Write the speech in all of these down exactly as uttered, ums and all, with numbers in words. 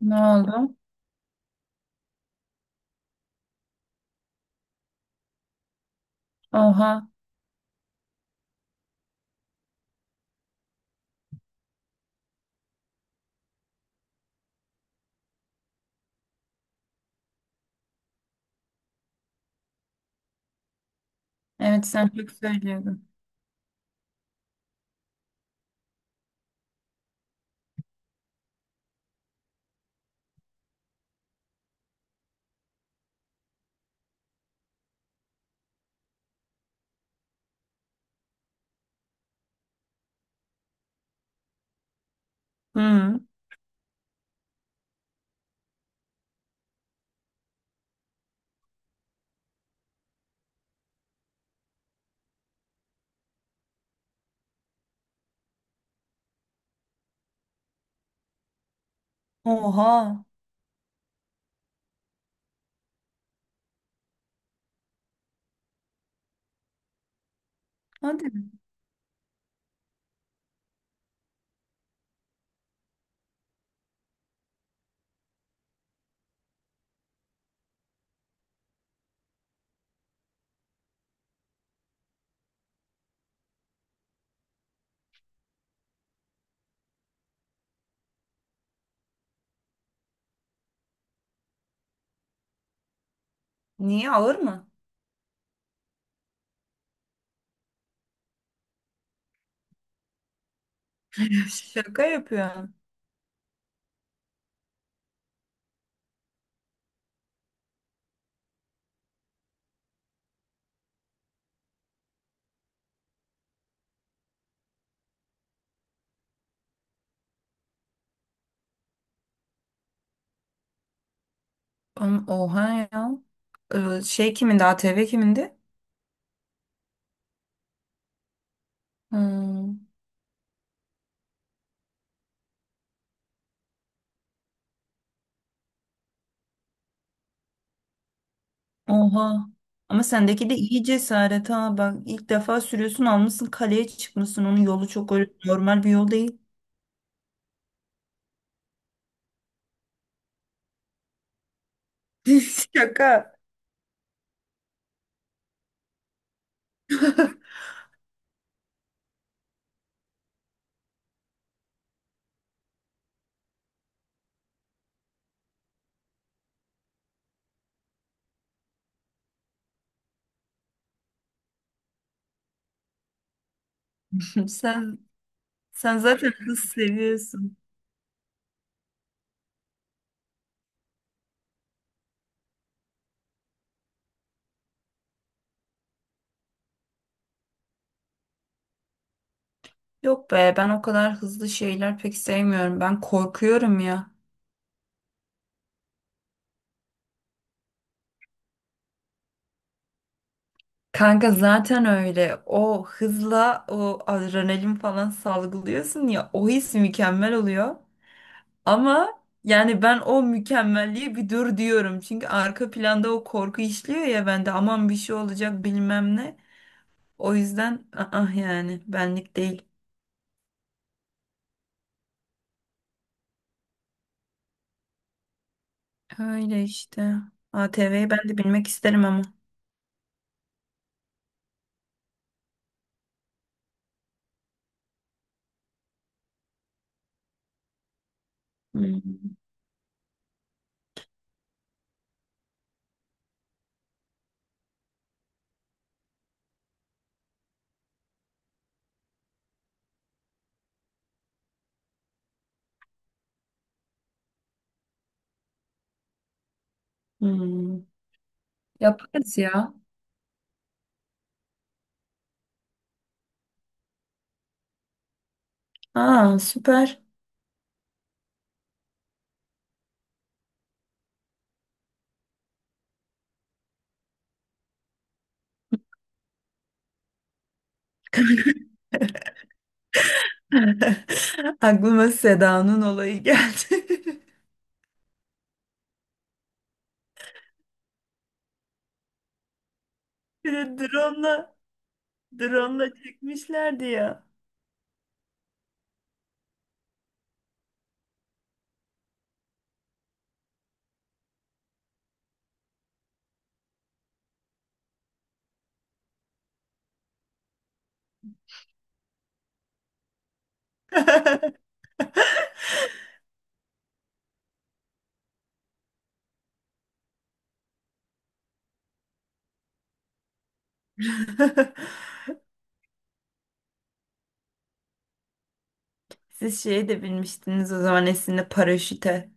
Ne oldu? Oha. Evet sen çok söylüyordun. Hı. Oha. Hadi. Niye, ağır mı? Şaka yapıyorum. Am- Oha ya. Ee, Şey kimindi? A T V kimindi? Hmm. Oha. Ama sendeki de iyi cesaret ha. Bak ilk defa sürüyorsun, almışsın kaleye çıkmışsın. Onun yolu çok öyle normal bir yol değil. Şaka. Sen sen zaten hız seviyorsun. Yok be, ben o kadar hızlı şeyler pek sevmiyorum. Ben korkuyorum ya. Kanka zaten öyle. O hızla o adrenalin falan salgılıyorsun ya, o his mükemmel oluyor. Ama yani ben o mükemmelliğe bir dur diyorum. Çünkü arka planda o korku işliyor ya bende, aman bir şey olacak bilmem ne. O yüzden ah, yani benlik değil. Öyle işte. A T V'yi ben de bilmek isterim ama. Hmm. Hmm. Yaparız ya. Aa, süper. Aklıma Seda'nın olayı geldi. Bir de drone'la drone'la çekmişlerdi ya. Siz şeye de binmiştiniz o zaman, Esin'le, paraşüte.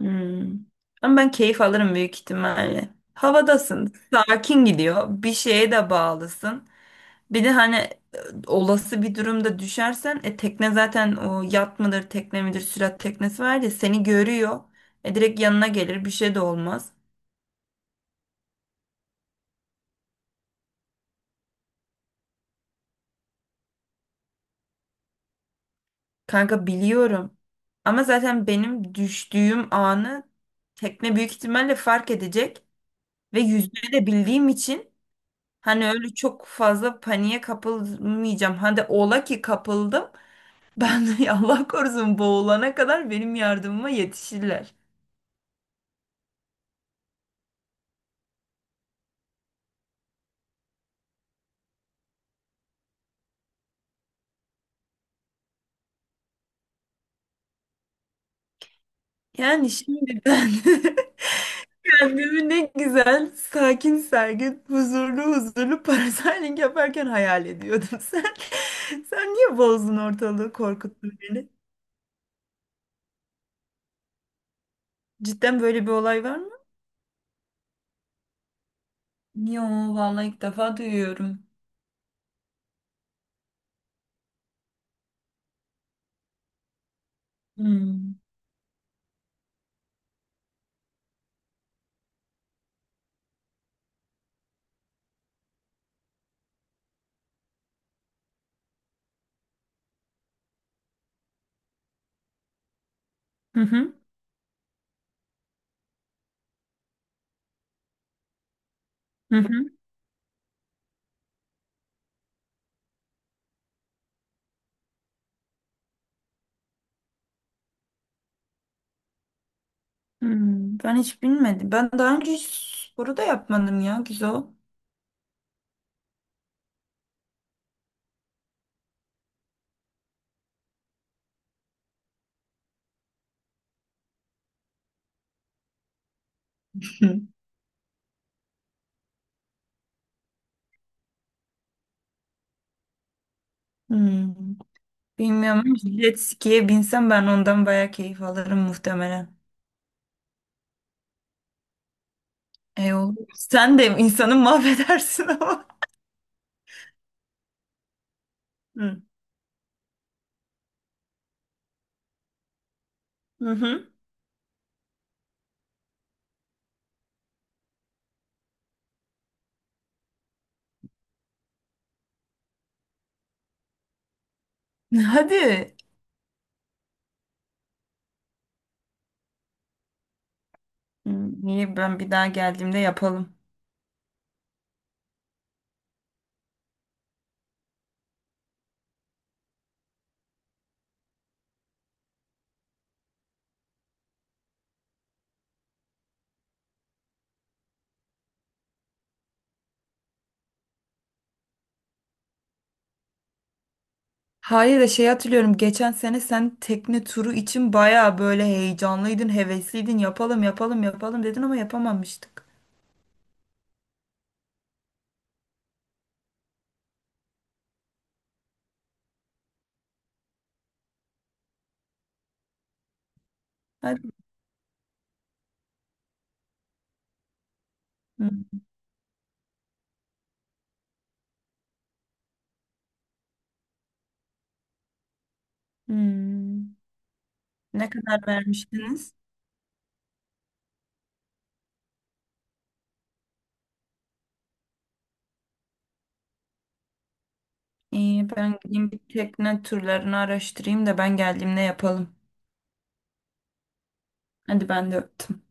Hmm. Ama ben keyif alırım büyük ihtimalle. Havadasın, sakin gidiyor. Bir şeye de bağlısın. Bir de hani e, olası bir durumda düşersen e, tekne zaten, o yat mıdır tekne midir sürat teknesi var ya, seni görüyor. E, direkt yanına gelir, bir şey de olmaz. Kanka biliyorum. Ama zaten benim düştüğüm anı tekne büyük ihtimalle fark edecek. Ve yüzmeyi de bildiğim için hani öyle çok fazla paniğe kapılmayacağım. Hadi ola ki kapıldım. Ben de Allah korusun boğulana kadar benim yardımıma yetişirler. Yani şimdi ben kendimi ne güzel, sakin sergin, huzurlu huzurlu parasailing yaparken hayal ediyordum. Sen, sen niye bozdun ortalığı, korkuttun beni? Cidden böyle bir olay var mı? Yo, vallahi ilk defa duyuyorum. Hmm. Hı hı, hı hı, hmm. Ben hiç bilmedim. Ben daha önce hiç sporu da yapmadım ya, güzel. Hı. Hmm. Bilmiyorum ama jet ski'ye binsem ben ondan bayağı keyif alırım muhtemelen. E olur. Sen de insanı mahvedersin ama. Hı hı. Hadi. İyi, ben bir daha geldiğimde yapalım. Hayır, da şey hatırlıyorum. Geçen sene sen tekne turu için baya böyle heyecanlıydın, hevesliydin. Yapalım, yapalım, yapalım dedin ama yapamamıştık. Hadi. Hı. Hmm. Ne kadar vermiştiniz? İyi, ben gideyim bir tekne turlarını araştırayım da ben geldiğimde yapalım. Hadi, ben de öptüm.